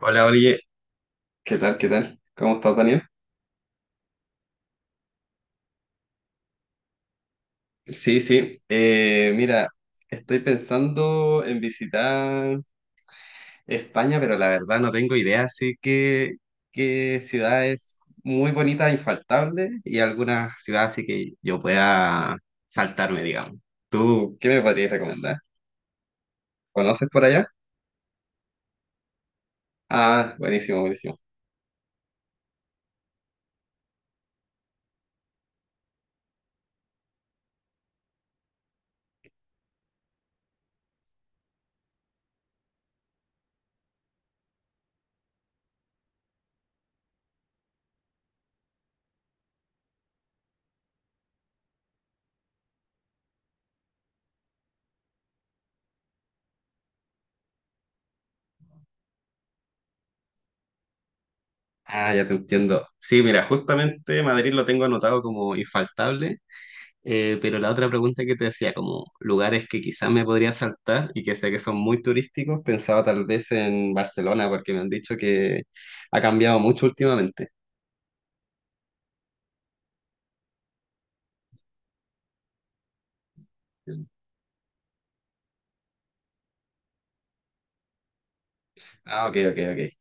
Hola. Oye. ¿Qué tal? ¿Qué tal? ¿Cómo estás, Daniel? Sí, sí. Mira, estoy pensando en visitar España, pero la verdad no tengo idea, así que qué ciudades muy bonitas, infaltables, y algunas ciudades así que yo pueda saltarme, digamos. ¿Tú qué me podrías recomendar? ¿Conoces por allá? Ah, buenísimo, buenísimo. Ah, ya te entiendo. Sí, mira, justamente Madrid lo tengo anotado como infaltable. Pero la otra pregunta que te decía, como lugares que quizás me podría saltar y que sé que son muy turísticos, pensaba tal vez en Barcelona, porque me han dicho que ha cambiado mucho últimamente. Ah, ok, ok, ok.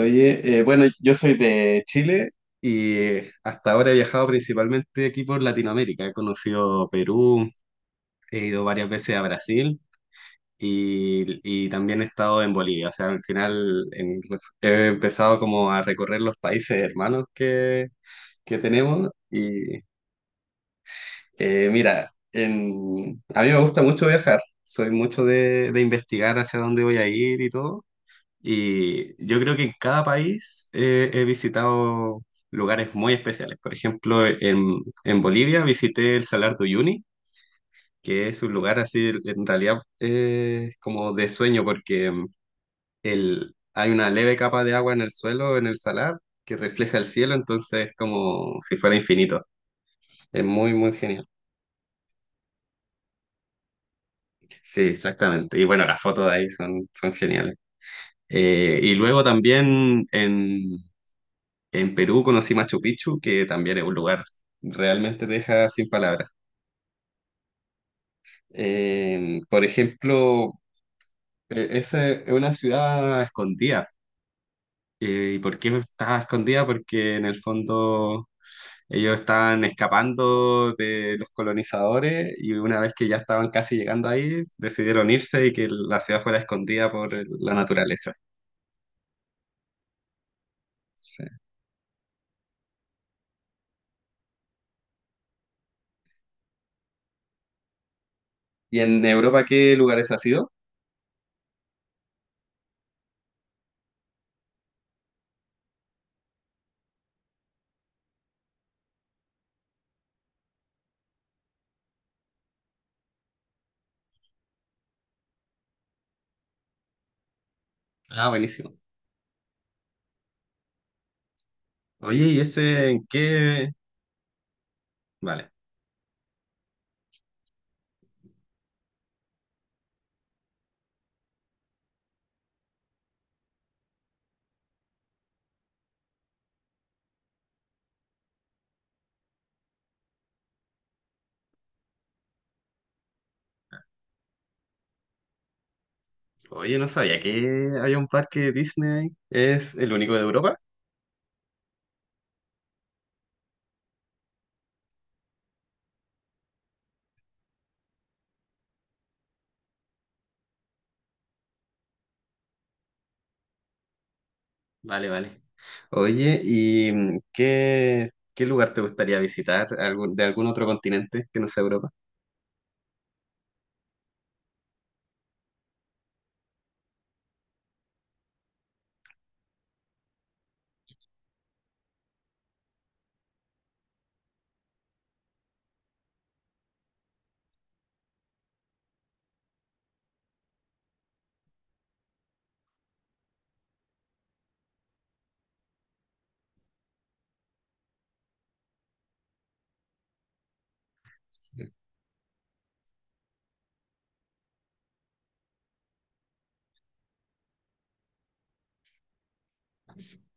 Oye, bueno, yo soy de Chile y hasta ahora he viajado principalmente aquí por Latinoamérica. He conocido Perú, he ido varias veces a Brasil y también he estado en Bolivia. O sea, al final he empezado como a recorrer los países hermanos que tenemos. Y mira, a mí me gusta mucho viajar, soy mucho de investigar hacia dónde voy a ir y todo. Y yo creo que en cada país he visitado lugares muy especiales. Por ejemplo, en Bolivia visité el Salar de Uyuni, que es un lugar así, en realidad, como de sueño, porque hay una leve capa de agua en el suelo, en el salar, que refleja el cielo, entonces es como si fuera infinito. Es muy, muy genial. Sí, exactamente. Y bueno, las fotos de ahí son geniales. Y luego también en Perú conocí Machu Picchu, que también es un lugar realmente te deja sin palabras. Por ejemplo, esa es una ciudad escondida. ¿Y por qué estaba escondida? Porque en el fondo ellos estaban escapando de los colonizadores y una vez que ya estaban casi llegando ahí, decidieron irse y que la ciudad fuera escondida por la naturaleza. Sí. ¿Y en Europa qué lugares has ido? Ah, buenísimo. Oye, ¿y ese en qué? Vale. Oye, no sabía que había un parque Disney. ¿Es el único de Europa? Vale, vale. Oye, ¿Y qué lugar te gustaría visitar de algún otro continente que no sea Europa?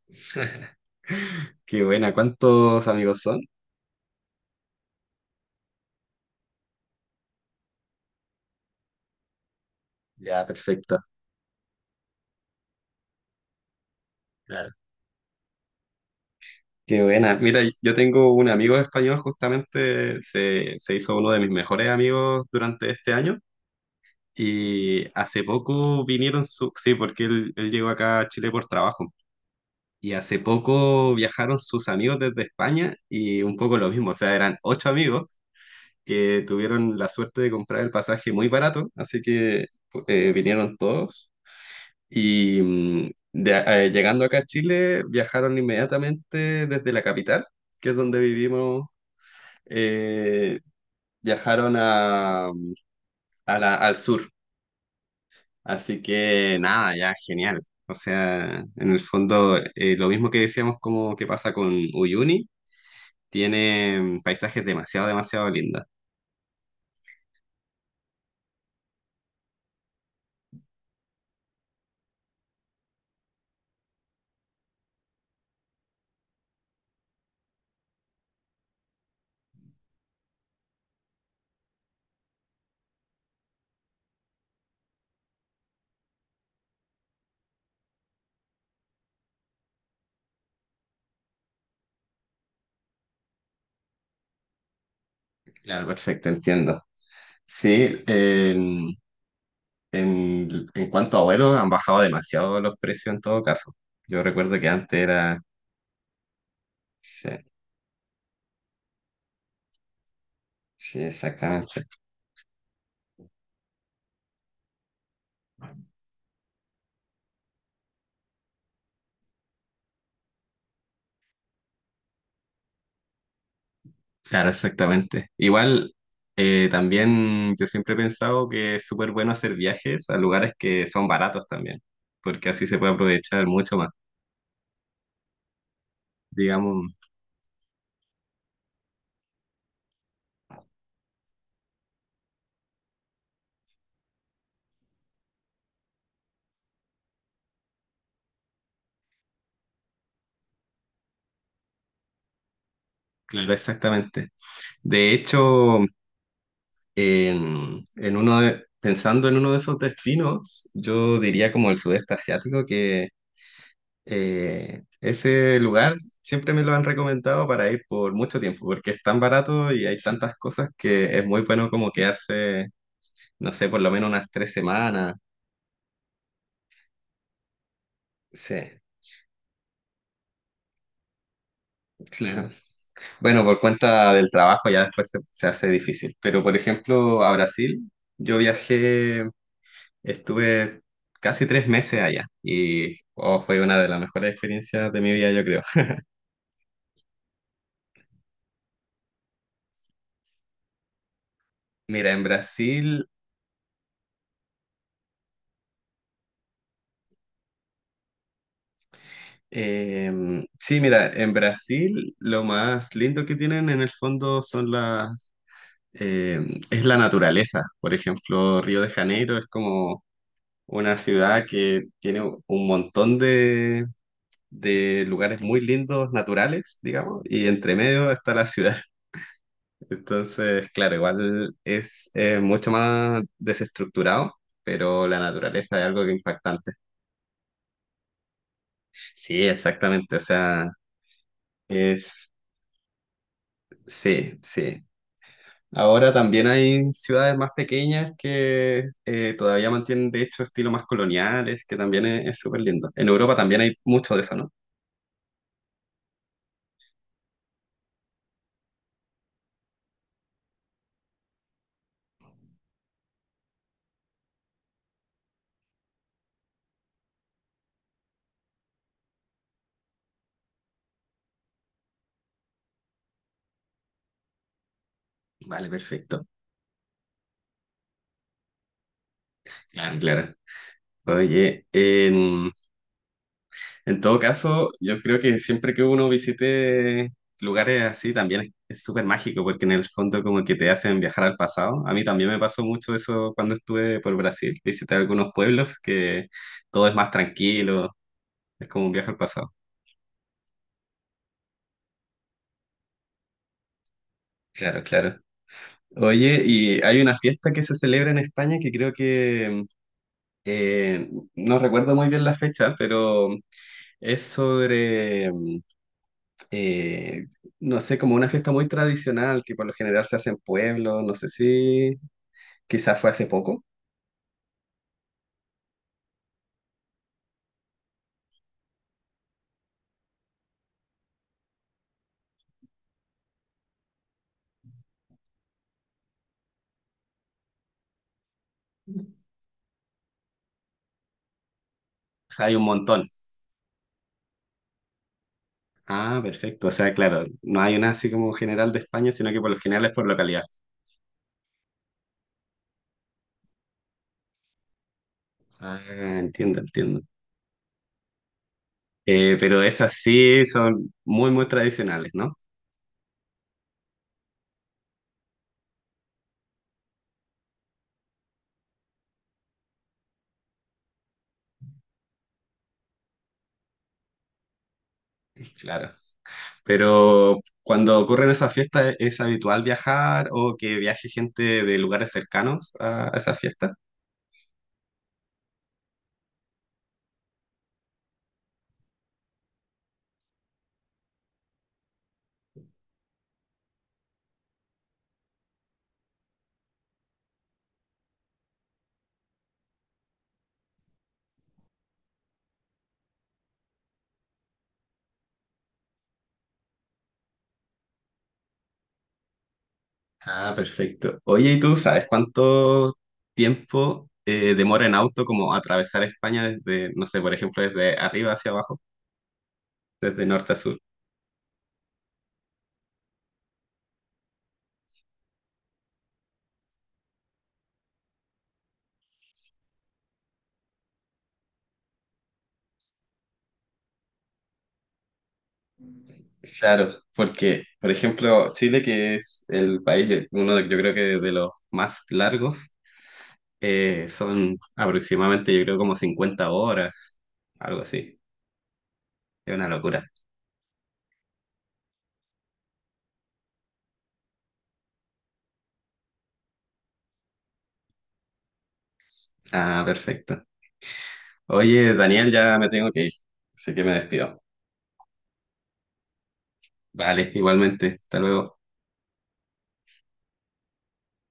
Qué buena, ¿cuántos amigos son? Ya, perfecto. Claro. Qué buena. Mira, yo tengo un amigo español, justamente se hizo uno de mis mejores amigos durante este año. Y hace poco vinieron sí, porque él llegó acá a Chile por trabajo. Y hace poco viajaron sus amigos desde España y un poco lo mismo, o sea, eran ocho amigos que tuvieron la suerte de comprar el pasaje muy barato, así que vinieron todos. Y llegando acá a Chile, viajaron inmediatamente desde la capital, que es donde vivimos, eh, viajaron al sur. Así que nada, ya genial. O sea, en el fondo, lo mismo que decíamos como que pasa con Uyuni, tiene paisajes demasiado, demasiado lindos. Claro, perfecto, entiendo. Sí, en cuanto a vuelos, han bajado demasiado los precios en todo caso. Yo recuerdo que antes era. Sí, sí, exactamente. Claro, exactamente. Igual, también yo siempre he pensado que es súper bueno hacer viajes a lugares que son baratos también, porque así se puede aprovechar mucho más, digamos. Claro, exactamente. De hecho, pensando en uno de esos destinos, yo diría como el sudeste asiático, que ese lugar siempre me lo han recomendado para ir por mucho tiempo, porque es tan barato y hay tantas cosas que es muy bueno como quedarse no sé, por lo menos unas 3 semanas. Sí, claro. Bueno, por cuenta del trabajo ya después se hace difícil. Pero, por ejemplo, a Brasil, yo viajé, estuve casi 3 meses allá y oh, fue una de las mejores experiencias de mi vida, yo creo. Mira, en Brasil, sí, mira, en Brasil lo más lindo que tienen en el fondo es la naturaleza. Por ejemplo, Río de Janeiro es como una ciudad que tiene un montón de lugares muy lindos, naturales, digamos, y entre medio está la ciudad. Entonces, claro, igual es mucho más desestructurado, pero la naturaleza es algo que es impactante. Sí, exactamente, o sea, es, sí, sí. Ahora también hay ciudades más pequeñas que todavía mantienen, de hecho, estilos más coloniales, que también es súper lindo. En Europa también hay mucho de eso, ¿no? Vale, perfecto. Claro, claro. Oye, en todo caso, yo creo que siempre que uno visite lugares así también es súper mágico porque en el fondo como que te hacen viajar al pasado. A mí también me pasó mucho eso cuando estuve por Brasil. Visité algunos pueblos que todo es más tranquilo, es como un viaje al pasado. Claro, claro. Oye, y hay una fiesta que se celebra en España que creo que, eh, no recuerdo muy bien la fecha, pero es sobre... eh, no sé, como una fiesta muy tradicional que por lo general se hace en pueblos, no sé si quizás fue hace poco. O sea, hay un montón. Ah, perfecto. O sea, claro, no hay una así como general de España, sino que por lo general es por localidad. Ah, entiendo, entiendo. Pero esas sí son muy, muy tradicionales, ¿no? Claro. Pero cuando ocurren esas fiestas, ¿es habitual viajar o que viaje gente de lugares cercanos a esas fiestas? Ah, perfecto. Oye, ¿y tú sabes cuánto tiempo demora en auto como atravesar España desde, no sé, por ejemplo, desde arriba hacia abajo, desde norte a sur? Claro, porque, por ejemplo, Chile, que es el país, uno de, yo creo que de los más largos, son aproximadamente, yo creo, como 50 horas, algo así. Es una locura. Ah, perfecto. Oye, Daniel, ya me tengo que ir, así que me despido. Vale, igualmente. Hasta luego.